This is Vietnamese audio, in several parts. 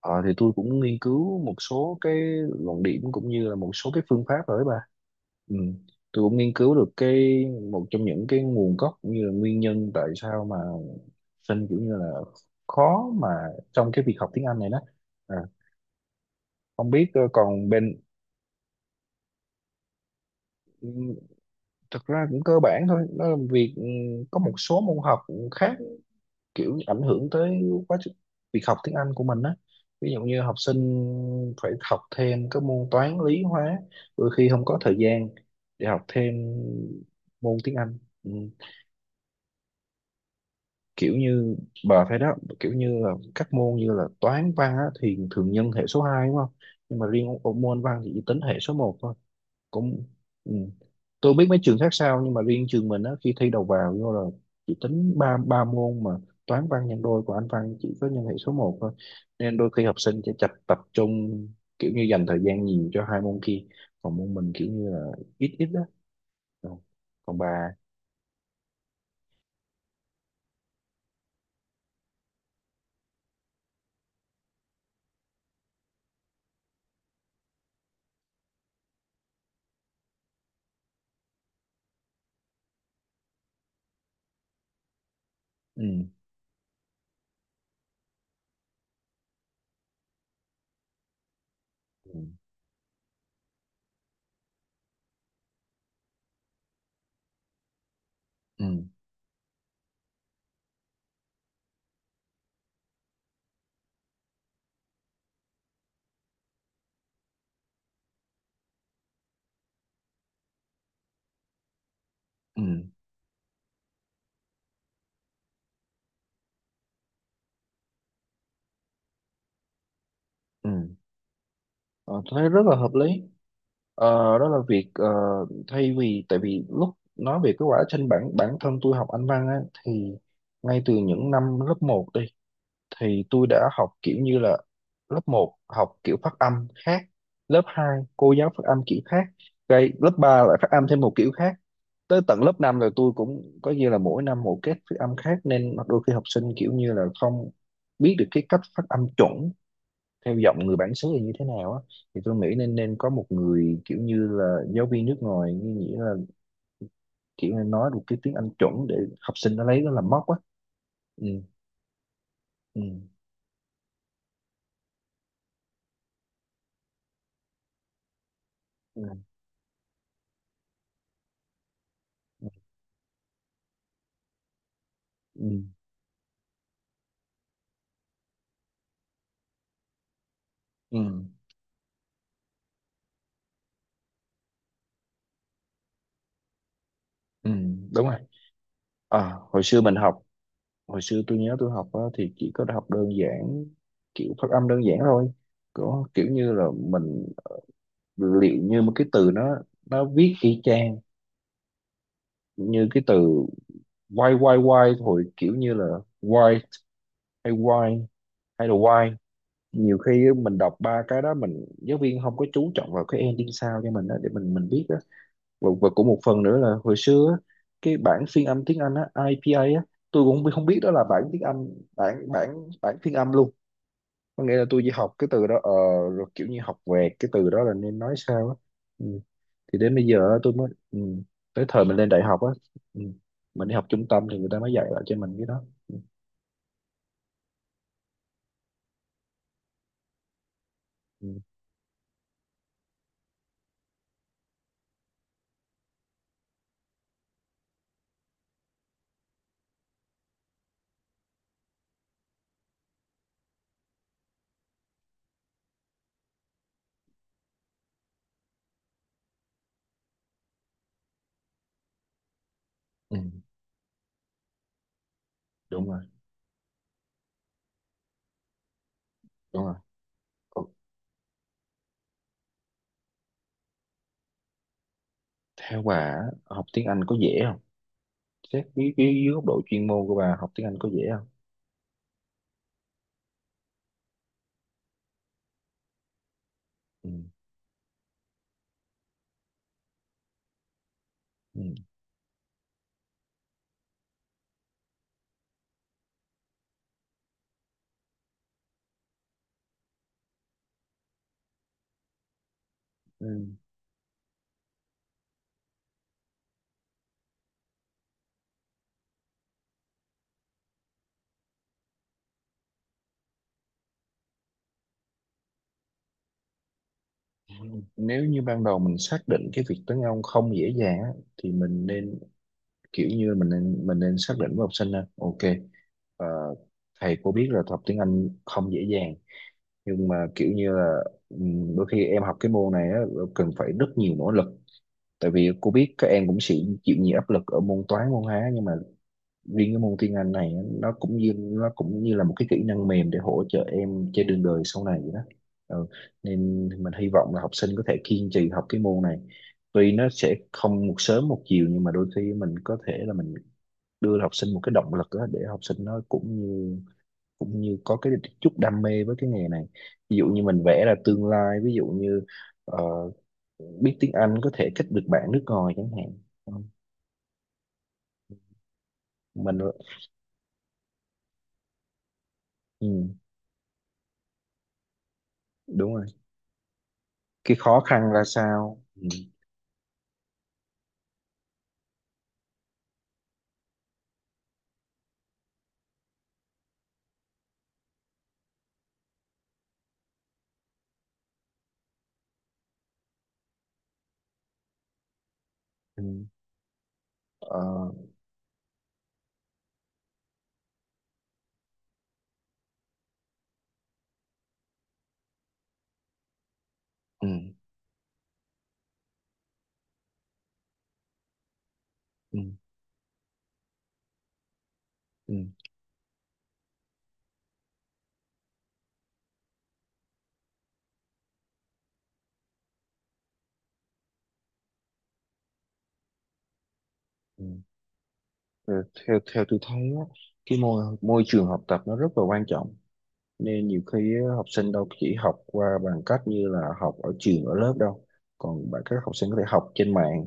Ờ, thì tôi cũng nghiên cứu một số cái luận điểm cũng như là một số cái phương pháp rồi đấy bà. Ừ. Tôi cũng nghiên cứu được cái một trong những cái nguồn gốc cũng như là nguyên nhân tại sao mà sinh kiểu như là khó mà trong cái việc học tiếng Anh này đó. À, không biết còn bên, ừ, thực ra cũng cơ bản thôi, nó là việc có một số môn học khác kiểu ảnh hưởng tới quá trình việc học tiếng Anh của mình á, ví dụ như học sinh phải học thêm các môn toán lý hóa, đôi khi không có thời gian để học thêm môn tiếng Anh. Ừ. Kiểu như bà thấy đó, kiểu như là các môn như là toán văn á, thì thường nhân hệ số 2 đúng không, nhưng mà riêng môn văn thì chỉ tính hệ số 1 thôi cũng. Ừ. Tôi biết mấy trường khác sao nhưng mà riêng trường mình á, khi thi đầu vào vô là chỉ tính ba ba môn mà toán văn nhân đôi của anh văn chỉ có nhân hệ số 1 thôi, nên đôi khi học sinh sẽ tập trung, kiểu như dành thời gian nhiều cho hai môn kia, còn môn mình kiểu như là ít ít đó. Ừ. Còn bà. Ừ. Ừ. Ừ. Ừ. Ừ. Ờ, tôi thấy rất là hợp lý. Ờ, đó là việc thay vì tại vì lúc nói về cái quá trình bản bản thân tôi học Anh văn á, thì ngay từ những năm lớp 1 đi thì tôi đã học kiểu như là lớp 1 học kiểu phát âm khác, lớp 2 cô giáo phát âm kiểu khác, cái lớp 3 lại phát âm thêm một kiểu khác, tới tận lớp 5 rồi tôi cũng có như là mỗi năm một cách phát âm khác, nên đôi khi học sinh kiểu như là không biết được cái cách phát âm chuẩn theo giọng người bản xứ thì như thế nào á, thì tôi nghĩ nên nên có một người kiểu như là giáo viên nước ngoài, như nghĩa là kiểu là nói được cái tiếng Anh chuẩn để học sinh nó lấy nó làm mốc á. Ừ. Ừ. Ừ. Ừ. Ừ. Ừ, ừ, đúng rồi. À, hồi xưa tôi nhớ tôi học á, thì chỉ có học đơn giản, kiểu phát âm đơn giản thôi, có kiểu như là mình liệu như một cái từ nó viết y chang như cái từ why, why, why, hồi kiểu như là why why hay là why, nhiều khi á, mình đọc ba cái đó, mình giáo viên không có chú trọng vào cái ending sao cho mình á, để mình biết á. Và cũng một phần nữa là hồi xưa á, cái bản phiên âm tiếng Anh á IPA á, tôi cũng không biết đó là bản tiếng Anh, bản bản bản phiên âm luôn. Có nghĩa là tôi chỉ học cái từ đó, rồi kiểu như học vẹt cái từ đó là nên nói sao á. Ừ. Thì đến bây giờ á, tôi mới. Ừ. Tới thời mình lên đại học á. Ừ. Mình đi học trung tâm thì người ta mới dạy lại cho mình cái đó. Ừ. Ừ. Ừ. Đúng rồi. Đúng rồi. Theo bà á, học tiếng Anh có dễ không? Xét cái dưới góc độ chuyên môn của bà, học tiếng Anh có dễ không? Ừ. Ừ. Ừ. Nếu như ban đầu mình xác định cái việc tiếng Anh không dễ dàng á, thì mình nên kiểu như mình nên xác định với học sinh là ok, ờ, thầy cô biết là học tiếng Anh không dễ dàng, nhưng mà kiểu như là đôi khi em học cái môn này á, cần phải rất nhiều nỗ lực, tại vì cô biết các em cũng sẽ chịu nhiều áp lực ở môn toán môn hóa, nhưng mà riêng cái môn tiếng Anh này nó cũng như là một cái kỹ năng mềm để hỗ trợ em trên đường đời sau này vậy đó. Ừ. Nên mình hy vọng là học sinh có thể kiên trì học cái môn này, tuy nó sẽ không một sớm một chiều, nhưng mà đôi khi mình có thể là mình đưa học sinh một cái động lực đó, để học sinh nó cũng như có cái chút đam mê với cái nghề này, ví dụ như mình vẽ ra tương lai, ví dụ như ờ, biết tiếng Anh có thể kết được bạn nước ngoài chẳng hạn. Ừ. Mình. Ừ, đúng rồi, cái khó khăn ra sao. Ừ. Ừ. Ờ. Ừ. Ừ. Ừ. Ừ. Rồi theo theo tôi thấy á, cái môi môi trường học tập nó rất là quan trọng, nên nhiều khi á, học sinh đâu chỉ học qua bằng cách như là học ở trường ở lớp đâu, còn bạn các học sinh có thể học trên mạng,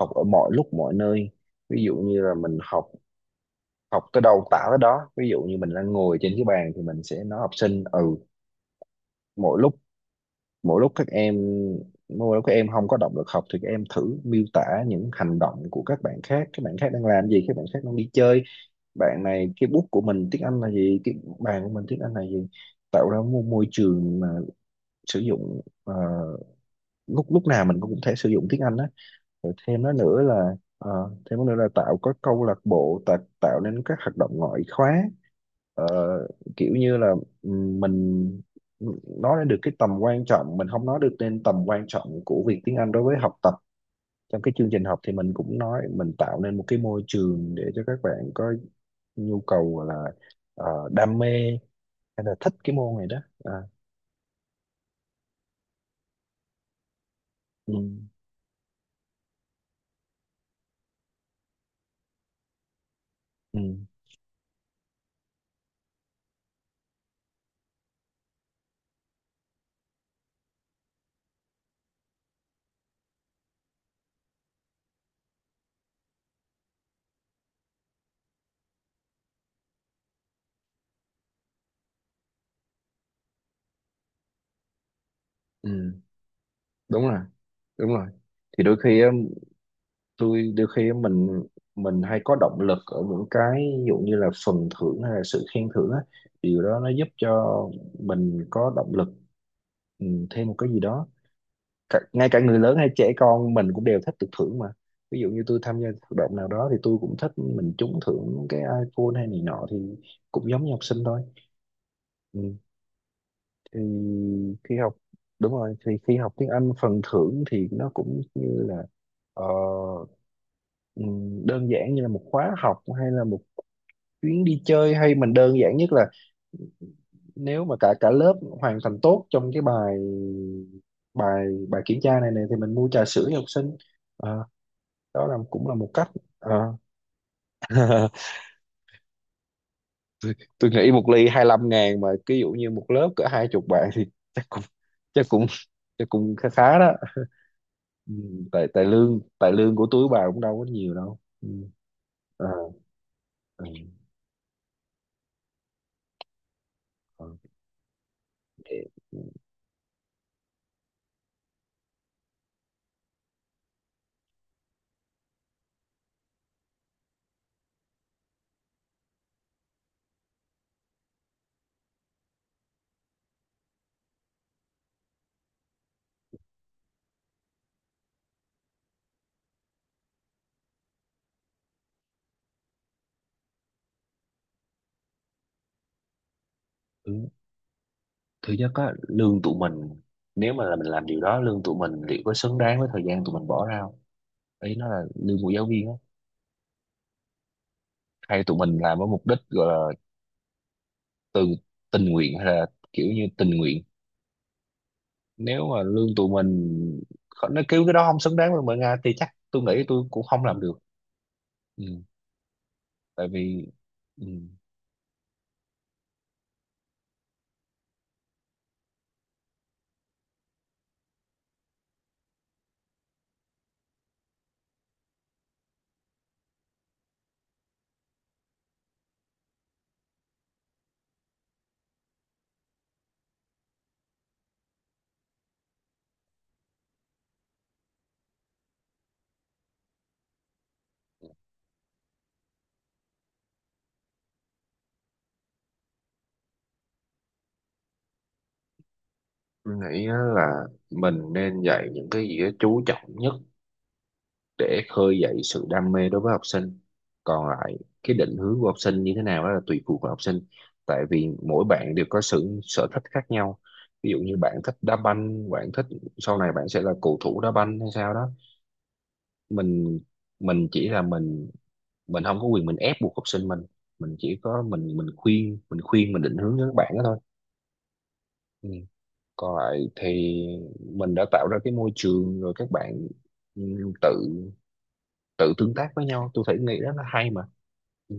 học ở mọi lúc mọi nơi, ví dụ như là mình học, học tới đâu tả tới đó, ví dụ như mình đang ngồi trên cái bàn thì mình sẽ nói học sinh ừ, mỗi lúc, mỗi lúc các em, mỗi lúc các em không có động lực học thì các em thử miêu tả những hành động của các bạn khác, các bạn khác đang làm gì, các bạn khác đang đi chơi, bạn này cái bút của mình tiếng Anh là gì, cái bàn của mình tiếng Anh là gì, tạo ra một môi trường mà sử dụng, lúc lúc nào mình cũng có thể sử dụng tiếng Anh á, rồi thêm nó nữa là tạo, có câu lạc bộ, tạo nên các hoạt động ngoại khóa. Ờ, kiểu như là mình nói lên được cái tầm quan trọng, mình không nói được nên tầm quan trọng của việc tiếng Anh đối với học tập trong cái chương trình học, thì mình cũng nói mình tạo nên một cái môi trường để cho các bạn có nhu cầu gọi là đam mê hay là thích cái môn này đó. À. Ừ. Ừ. Ừ. Đúng rồi. Đúng rồi. Thì đôi khi á, tôi đôi khi mình hay có động lực ở những cái ví dụ như là phần thưởng hay là sự khen thưởng á, điều đó nó giúp cho mình có động lực. Ừ, thêm một cái gì đó, ngay cả người lớn hay trẻ con mình cũng đều thích được thưởng mà, ví dụ như tôi tham gia hoạt động nào đó thì tôi cũng thích mình trúng thưởng cái iPhone hay này nọ, thì cũng giống như học sinh thôi. Ừ. thì khi học Đúng rồi, thì khi học tiếng Anh phần thưởng thì nó cũng như là ờ, đơn giản như là một khóa học hay là một chuyến đi chơi, hay mình đơn giản nhất là nếu mà cả cả lớp hoàn thành tốt trong cái bài bài bài kiểm tra này này thì mình mua trà sữa cho học sinh. Ờ, đó là cũng là một cách. Ờ. Tôi nghĩ một ly 25.000, mà ví dụ như một lớp cỡ hai chục bạn thì chắc cũng chắc cũng chắc cũng khá khá đó. Ừ, tại tại lương của túi bà cũng đâu có nhiều đâu. Ừ. Ờ. Ừ. Ờ, ok. Ừ. Thứ nhất á lương tụi mình, nếu mà là mình làm điều đó lương tụi mình liệu có xứng đáng với thời gian tụi mình bỏ ra không, ý nó là lương của giáo viên á, hay tụi mình làm với mục đích gọi là từ tình nguyện hay là kiểu như tình nguyện, nếu mà lương tụi mình nó kêu cái đó không xứng đáng với mình Nga thì chắc tôi nghĩ tôi cũng không làm được. Ừ. Tại vì. Ừ. Tôi nghĩ á là mình nên dạy những cái gì đó chú trọng nhất để khơi dậy sự đam mê đối với học sinh, còn lại cái định hướng của học sinh như thế nào đó là tùy thuộc vào học sinh, tại vì mỗi bạn đều có sự sở thích khác nhau, ví dụ như bạn thích đá banh, bạn thích sau này bạn sẽ là cầu thủ đá banh hay sao đó, mình mình chỉ là mình không có quyền mình ép buộc học sinh mình chỉ có mình khuyên mình định hướng cho các bạn đó thôi. Ừ. Còn lại thì mình đã tạo ra cái môi trường rồi, các bạn ừ, tự tự tương tác với nhau, tôi thấy nghĩ rất là hay mà. Ừ.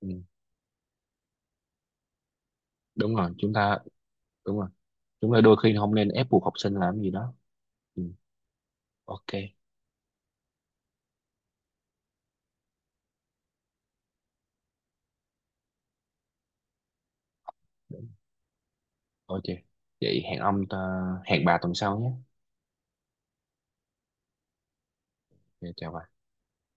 Ừ. Đúng rồi. Chúng ta. Đúng rồi, chúng ta đôi khi không nên ép buộc học sinh làm gì đó. Ừ. Ok. Ok, vậy hẹn hẹn bà tuần sau nhé. Ok, chào bà.